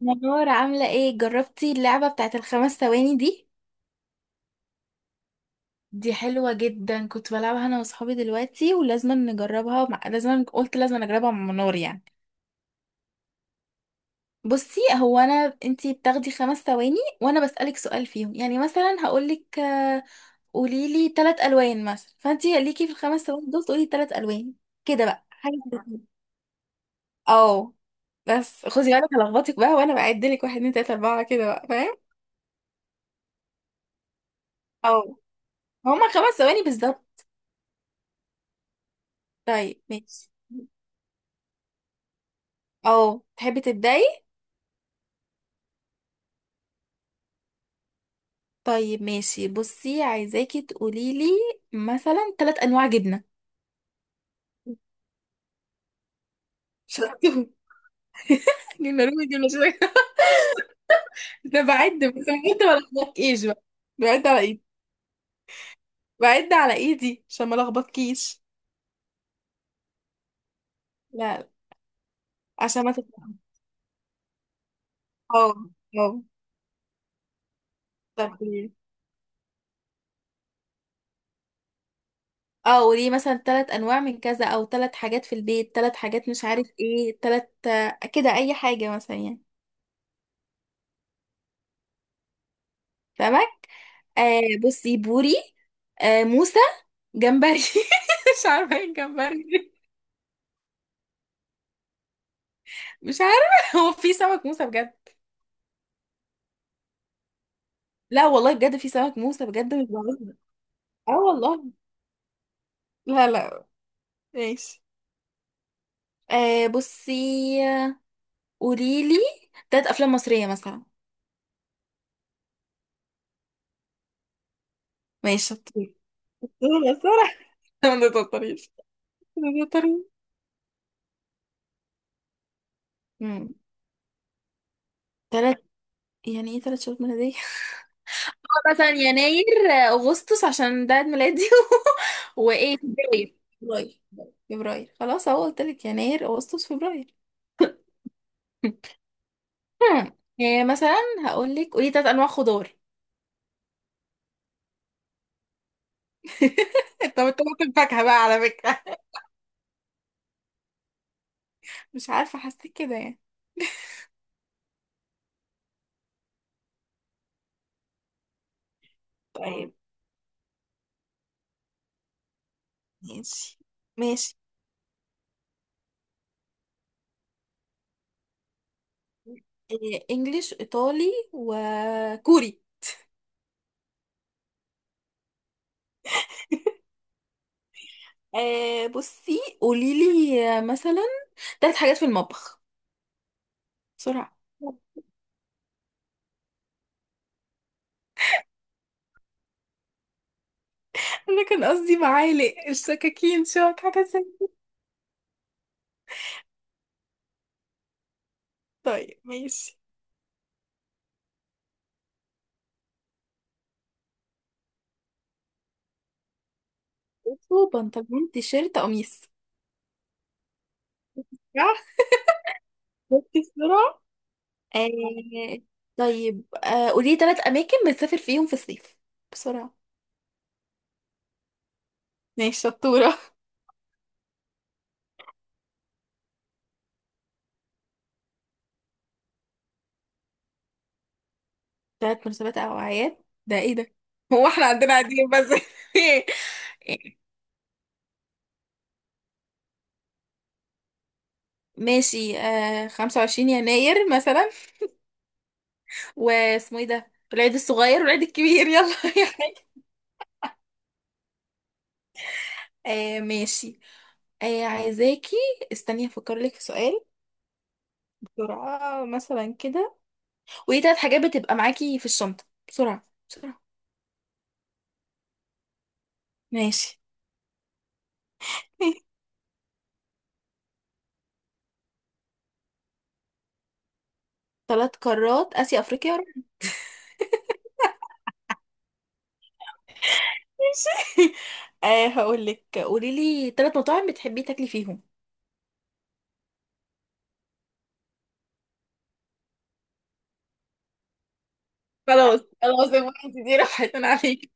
منورة، عاملة ايه؟ جربتي اللعبة بتاعت الخمس ثواني دي؟ دي حلوة جدا، كنت بلعبها انا وصحابي دلوقتي ولازم نجربها مع... لازم، قلت لازم اجربها مع منار يعني. بصي، هو انا انتي بتاخدي خمس ثواني وانا بسألك سؤال فيهم، يعني مثلا هقولك قوليلي تلات الوان مثلا، فانتي ليكي في الخمس ثواني دول تقولي تلات الوان. كده بقى، حاجة زي كده. اه، بس خدي بالك هلخبطك بقى وانا بعدلك واحد اتنين تلاتة اربعة، كده بقى فاهم؟ اه، هما خمس ثواني بالظبط. طيب ماشي. اه، تحبي تبداي؟ طيب ماشي، بصي عايزاكي تقوليلي مثلا ثلاث انواع جبنه. شطور. جبنه رومي، جبنه شويه. ده بعد، بس بعد ما الخبطكيش بقى. بعد على ايدي. بعد على ايدي عشان ما الخبطكيش. لا، لا، عشان ما تت-. اه. اه. طب قوليلي. اه، قولي مثلا ثلاث انواع من كذا، او ثلاث حاجات في البيت، ثلاث حاجات مش عارف ايه، ثلاث، كده اي حاجه مثلا يعني. فاهمك. آه، بصي، بوري. آه، موسى. جمبري. مش عارفه ايه الجمبري دي. مش عارفه. هو في سمك موسى بجد؟ لا والله، بجد في سمك موسى بجد، مش بعرفها. اه والله. لا، لا. ماشي. آه بصي، قوليلي تلات افلام مصريه مثلا. ماشي شطور. صورة، صورة. ما تضطريش. ما تضطريش. امم، تلات، يعني ايه تلات شهور ميلادية؟ مثلا يناير، آه، اغسطس عشان ده عيد ميلادي، وايه، فبراير، فبراير. خلاص اهو، قلتلك يناير، اغسطس، فبراير. هم. يعني مثلا هقول لك قولي تلات انواع خضار. طب انت بتقول الفاكهة بقى على فكرة؟ مش عارفه، حسيت كده يعني. طيب ماشي. ماشي. إيه، انجليش، ايطالي، وكوري. آه بصي، قولي لي مثلا تلات حاجات في المطبخ بسرعه. انا كان قصدي معالق، السكاكين، شوك، حاجة زي كده. طيب ماشي. وصوبة، بنطلون، تيشيرت، قميص. صح. شفتي السرعة؟ آه، طيب آه، قولي ثلاث اماكن بتسافر فيهم في الصيف بسرعه. ماشي شطورة. ثلاث مناسبات او اعياد؟ ده ايه ده؟ هو احنا عندنا قاعدين بس. ماشي، آه 25 يناير مثلا. واسمه ايه ده، العيد الصغير والعيد الكبير، يلا، اي حاجه. آه ماشي. آه عايزاكي، استني افكر لك في سؤال بسرعه مثلا كده. وايه ثلاث حاجات بتبقى معاكي في الشنطه، بسرعه بسرعه. ماشي. ثلاث قارات، اسيا، افريقيا. آه هقول لك، قولي لي ثلاث مطاعم بتحبي تاكلي فيهم. خلاص خلاص، يا انت دي راحت انا عليك.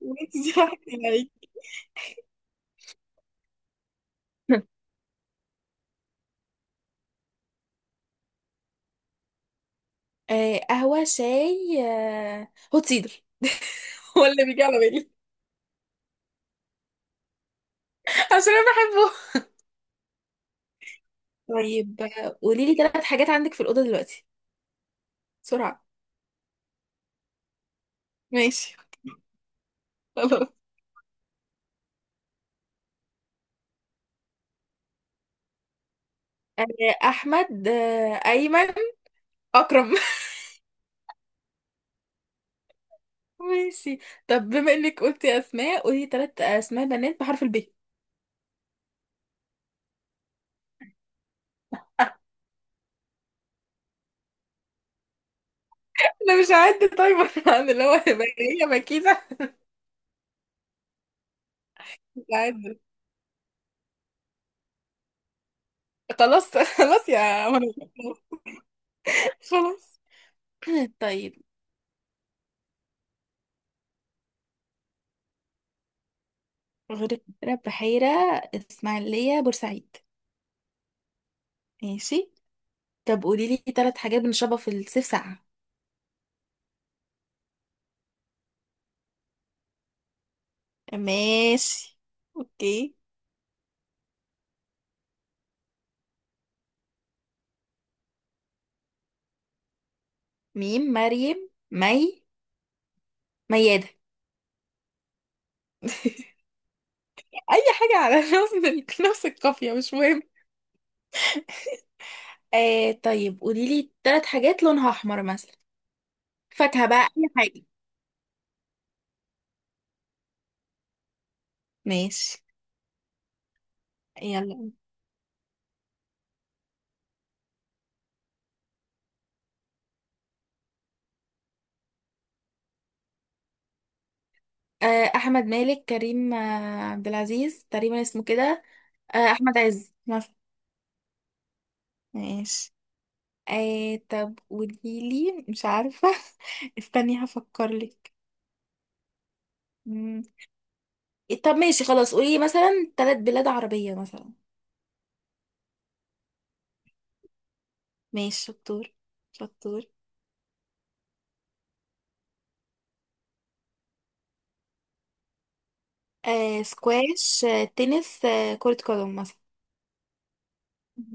وانت دي واحدة عليك. آه، قهوة، شاي، آه هوت سيدر. هو اللي بيجي على بالي. عشان انا بحبه. طيب آه، قولي لي ثلاث حاجات عندك في الأوضة دلوقتي بسرعة. ماشي. خلاص. آه، أحمد، آه أيمن، أكرم. ماشي. طب بما إنك قلتي أسماء، قولي ثلاث أسماء بنات بحرف الب. انا مش هعد تايمر انا، اللي هو هيبقى هي مكيده. مش هعد. خلاص. خلاص يا منى. خلاص. طيب، غير القاهرة، بحيرة، اسماعيلية، بورسعيد. ماشي. طب قولي لي ثلاث حاجات بنشربها في الصيف ساقعة. ماشي، اوكي. ميم، مريم، مي، ميادة. اي حاجة على نفس ال- نفس القافية، مش مهم. آه طيب، قولي لي ثلاث حاجات لونها احمر مثلا. فاكهة بقى، اي حاجة. ماشي. يلا. آه، احمد مالك، كريم آه، عبد العزيز تقريبا اسمه كده، آه، احمد عز مثلا. ماشي. آه طب قوليلي، مش عارفة، استني هفكر لك. طب ماشي، خلاص، قولي مثلا ثلاث بلاد عربية مثلا. ماشي شطور، شطور. آه، سكواش، آه تنس، آه كرة قدم مثلا.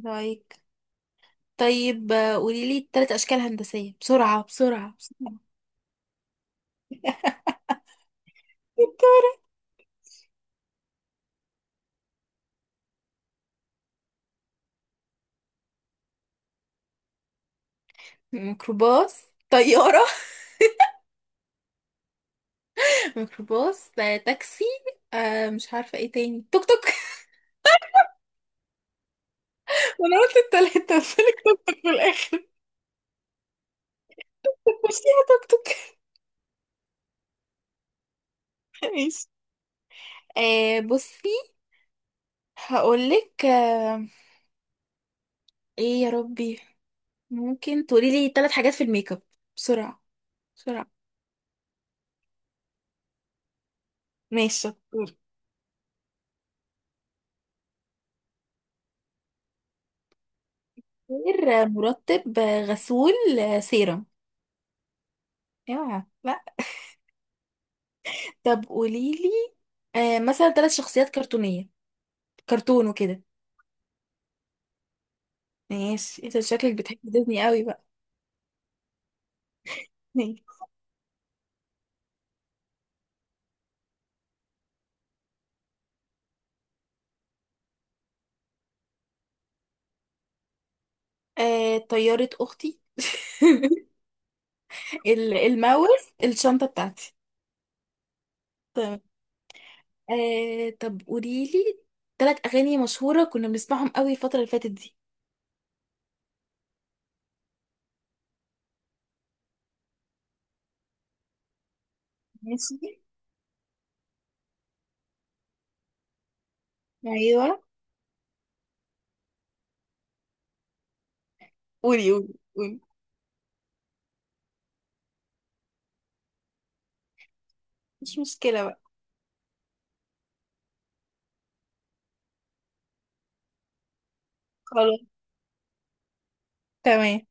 رايك؟ طيب آه، قوليلي ثلاث أشكال هندسية، بسرعة بسرعة بسرعة. ميكروباص، طيارة، مش ميكروباص ده تاكسي، آه مش عارفة ايه تاني، توك توك. انا قلت التلاتة بس لك توك توك في الاخر. مش فيها توك توك. ماشي. آه بصي، هقولك، آه، ايه يا ربي، ممكن تقولي لي ثلاث حاجات في الميك اب بسرعة بسرعة. ماشي شطور. غير آه، مرطب، آه غسول، آه سيرم. يا لا. طب قولي لي آه مثلا ثلاث شخصيات كرتونية، كرتون وكده. ماشي، انت شكلك بتحب ديزني قوي بقى. آه، طيارة أختي، ال- الماوس، الشنطة بتاعتي. تمام. آه طب قوليلي ثلاث أغاني مشهورة كنا بنسمعهم قوي الفترة اللي فاتت دي. ماشي. أيوه، قولي، قولي، قولي. مش مشكلة بقى. خلاص. تمام.